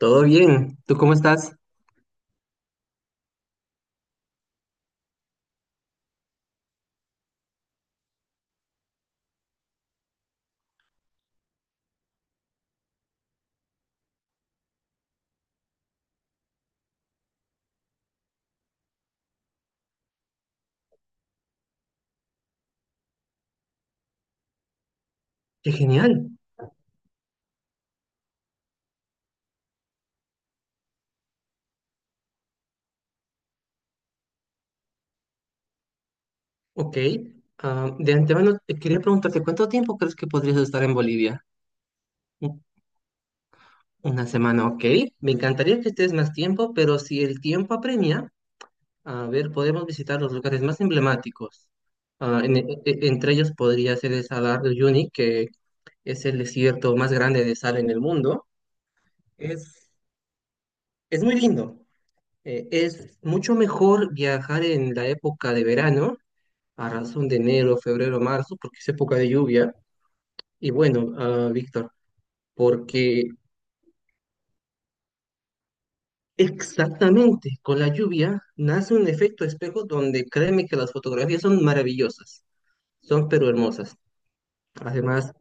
Todo bien. ¿Tú cómo estás? Qué genial. Ok. De antemano, te quería preguntarte, ¿cuánto tiempo crees que podrías estar en Bolivia? U- Una semana, ok. Me encantaría que estés más tiempo, pero si el tiempo apremia, a ver, podemos visitar los lugares más emblemáticos. Entre ellos podría ser el Salar de Uyuni, que es el desierto más grande de sal en el mundo. Es, es muy lindo. Es mucho mejor viajar en la época de verano a razón de enero, febrero, marzo, porque es época de lluvia. Y bueno, Víctor, porque exactamente con la lluvia nace un efecto espejo donde créeme que las fotografías son maravillosas, son pero hermosas. Además,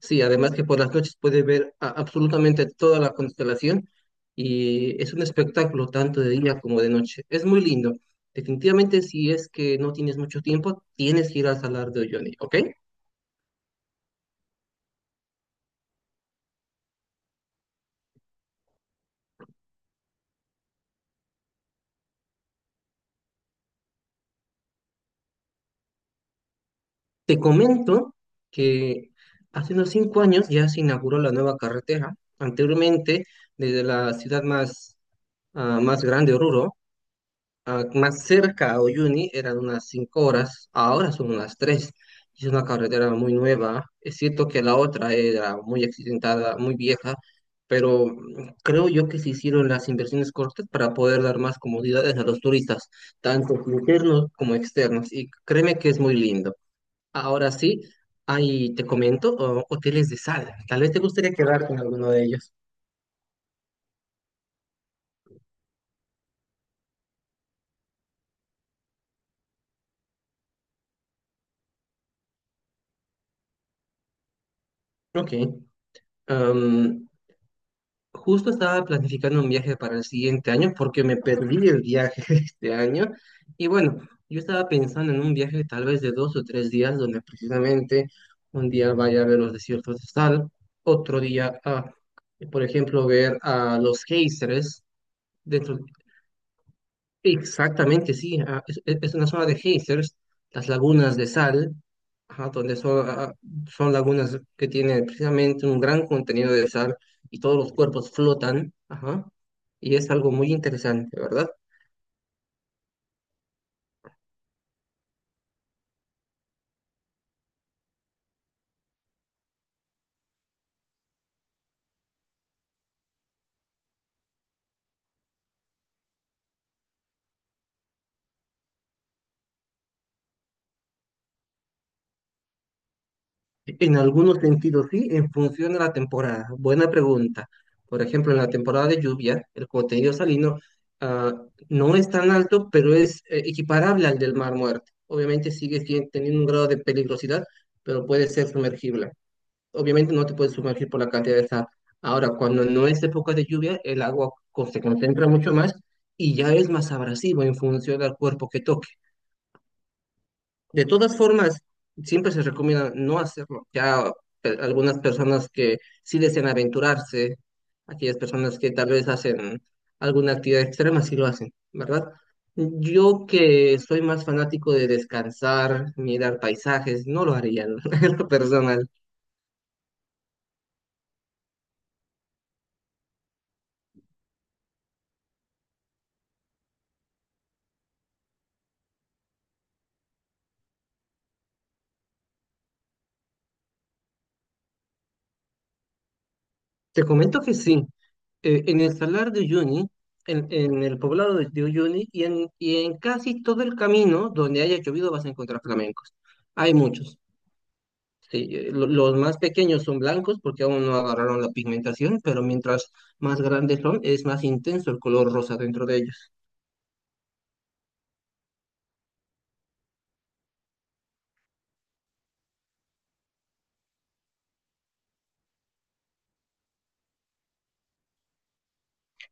sí, además que por las noches puedes ver absolutamente toda la constelación y es un espectáculo tanto de día como de noche. Es muy lindo. Definitivamente, si es que no tienes mucho tiempo, tienes que ir al Salar de Uyuni, ¿ok? Te comento que hace unos 5 años ya se inauguró la nueva carretera. Anteriormente, desde la ciudad más grande, Oruro, más cerca a Oyuni, eran unas 5 horas, ahora son unas tres. Es una carretera muy nueva. Es cierto que la otra era muy accidentada, muy vieja, pero creo yo que se hicieron las inversiones cortas para poder dar más comodidades a los turistas, tanto internos como externos. Y créeme que es muy lindo. Ahora sí, ahí te comento, oh, hoteles de sal. Tal vez te gustaría quedar con alguno de ellos. Ok. Am, Justo estaba planificando un viaje para el siguiente año porque me perdí el viaje este año. Y bueno, yo estaba pensando en un viaje tal vez de 2 o 3 días donde precisamente un día vaya a ver los desiertos de sal, otro día, a, por ejemplo, ver a los géiseres dentro. Exactamente, sí. Es una zona de geysers, las lagunas de sal, ajá, donde son lagunas que tienen precisamente un gran contenido de sal y todos los cuerpos flotan, ajá, y es algo muy interesante, ¿verdad? En algunos sentidos sí, en función de la temporada. Buena pregunta. Por ejemplo, en la temporada de lluvia, el contenido salino ah, no es tan alto, pero es equiparable al del mar muerto. Obviamente sigue teniendo un grado de peligrosidad, pero puede ser sumergible. Obviamente no te puedes sumergir por la cantidad de sal. Ahora, cuando no es época de lluvia, el agua se concentra mucho más y ya es más abrasivo en función del cuerpo que toque. De todas formas, siempre se recomienda no hacerlo. Ya algunas personas que sí desean aventurarse, aquellas personas que tal vez hacen alguna actividad extrema, sí lo hacen, ¿verdad? Yo que soy más fanático de descansar, mirar paisajes, no lo haría en lo personal. Te comento que sí. En el Salar de Uyuni, en el poblado de Uyuni y en casi todo el camino donde haya llovido vas a encontrar flamencos. Hay muchos. Sí, los más pequeños son blancos porque aún no agarraron la pigmentación, pero mientras más grandes son, es más intenso el color rosa dentro de ellos.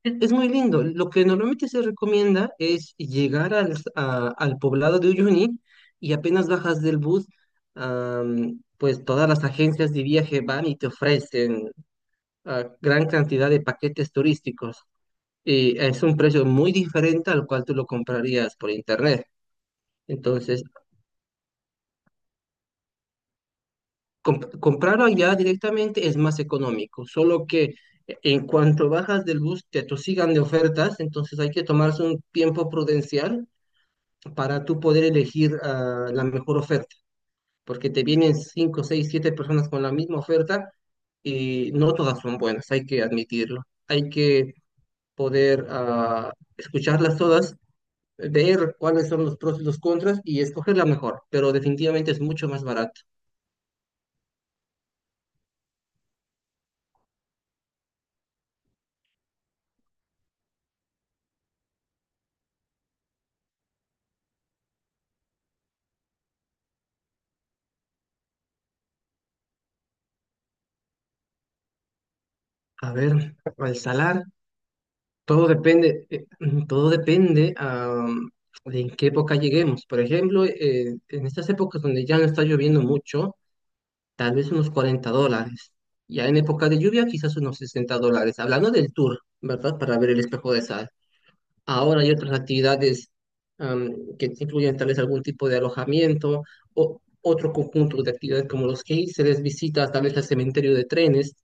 Es muy lindo. Lo que normalmente se recomienda es llegar al poblado de Uyuni y apenas bajas del bus, pues todas las agencias de viaje van y te ofrecen gran cantidad de paquetes turísticos. Y es un precio muy diferente al cual tú lo comprarías por internet. Entonces, comprarlo allá directamente es más económico, solo que en cuanto bajas del bus te atosigan de ofertas, entonces hay que tomarse un tiempo prudencial para tú poder elegir la mejor oferta, porque te vienen 5 6 7 personas con la misma oferta y no todas son buenas, hay que admitirlo. Hay que poder escucharlas todas, ver cuáles son los pros y los contras y escoger la mejor, pero definitivamente es mucho más barato. A ver, al salar. Todo depende, todo depende de en qué época lleguemos. Por ejemplo, en estas épocas donde ya no está lloviendo mucho, tal vez unos $40. Ya en época de lluvia, quizás unos $60. Hablando del tour, ¿verdad? Para ver el espejo de sal. Ahora hay otras actividades am, que incluyen tal vez algún tipo de alojamiento o otro conjunto de actividades como los que hice, les visitas, tal vez al cementerio de trenes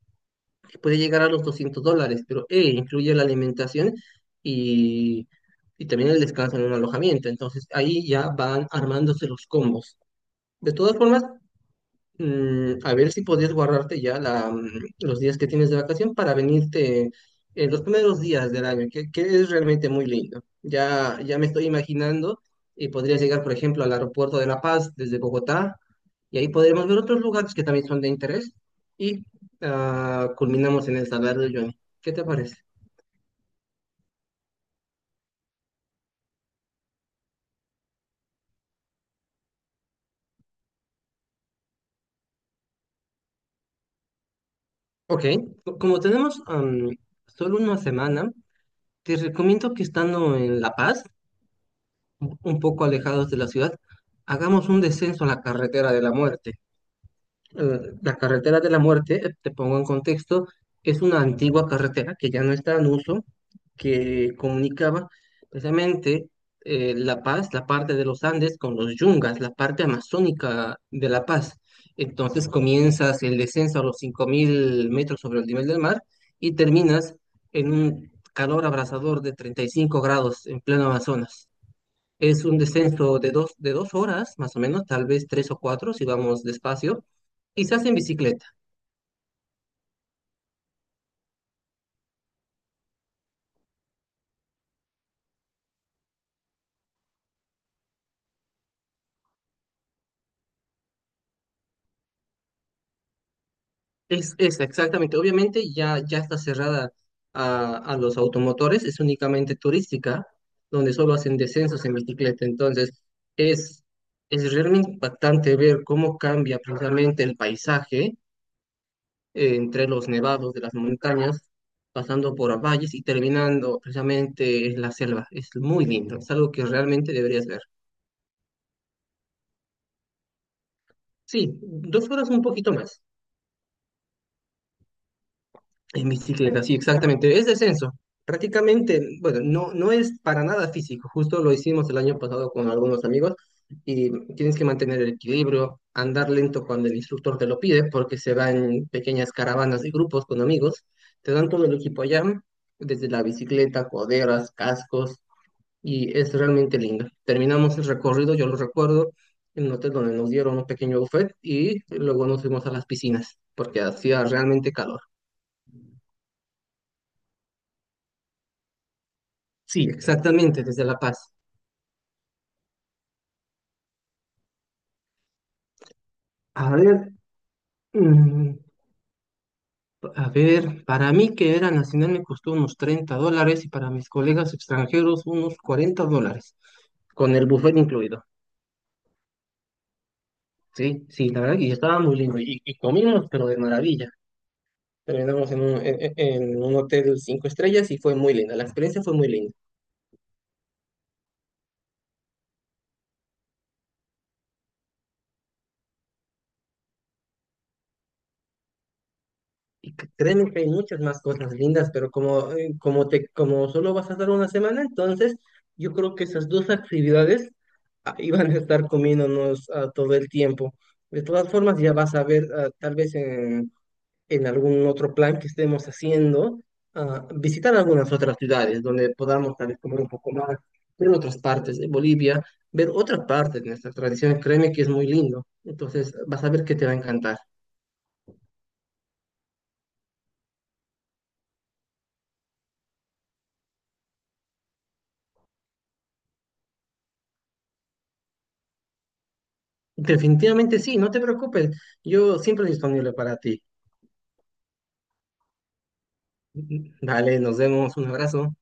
que puede llegar a los $200, pero incluye la alimentación y, y también el descanso en un alojamiento. Entonces ahí ya van armándose los combos. De todas formas, a ver si podías guardarte ya los días que tienes de vacación para venirte en los primeros días del año, que es realmente muy lindo. Ya, ya me estoy imaginando y podrías llegar, por ejemplo, al aeropuerto de La Paz desde Bogotá y ahí podremos ver otros lugares que también son de interés y culminamos en el Salar de Uyuni. ¿Qué te parece? Ok, como tenemos solo una semana, te recomiendo que estando en La Paz, un poco alejados de la ciudad, hagamos un descenso a la carretera de la muerte. La carretera de la muerte, te pongo en contexto, es una antigua carretera que ya no está en uso, que comunicaba precisamente La Paz, la parte de los Andes, con los Yungas, la parte amazónica de La Paz. Entonces comienzas el descenso a los 5.000 metros sobre el nivel del mar y terminas en un calor abrasador de 35 grados en pleno Amazonas. Es un descenso de dos horas, más o menos, tal vez tres o cuatro, si vamos despacio, y se hace en bicicleta. Es exactamente. Obviamente ya, ya está cerrada a los automotores, es únicamente turística, donde solo hacen descensos en bicicleta. Entonces, es, es realmente impactante ver cómo cambia precisamente el paisaje entre los nevados de las montañas, pasando por valles y terminando precisamente en la selva. Es muy lindo, es algo que realmente deberías ver. Sí, dos horas un poquito más en bicicleta, sí, exactamente. Es descenso. Prácticamente, bueno, no, no es para nada físico. Justo lo hicimos el año pasado con algunos amigos y tienes que mantener el equilibrio, andar lento cuando el instructor te lo pide, porque se van pequeñas caravanas de grupos con amigos. Te dan todo el equipo allá, desde la bicicleta, coderas, cascos, y es realmente linda. Terminamos el recorrido, yo lo recuerdo, en un hotel donde nos dieron un pequeño buffet y luego nos fuimos a las piscinas porque hacía realmente calor. Sí, exactamente, desde La Paz. A ver, mm, para mí que era nacional me costó unos $30 y para mis colegas extranjeros unos $40, con el buffet incluido. Sí, sí, la verdad que estaba muy lindo y comimos, pero de maravilla. Terminamos en un hotel cinco estrellas y fue muy linda. La experiencia fue muy linda. Y créeme que hay muchas más cosas lindas, pero como solo vas a estar una semana, entonces yo creo que esas dos actividades iban a estar comiéndonos todo el tiempo. De todas formas, ya vas a ver, ah, tal vez en, algún otro plan que estemos haciendo, visitar algunas otras ciudades donde podamos tal vez comer un poco más, ver otras partes de Bolivia, ver otras partes de nuestras tradiciones. Créeme que es muy lindo. Entonces vas a ver que te va a encantar. Definitivamente sí, no te preocupes. Yo siempre disponible para ti. Vale, nos vemos. Un abrazo.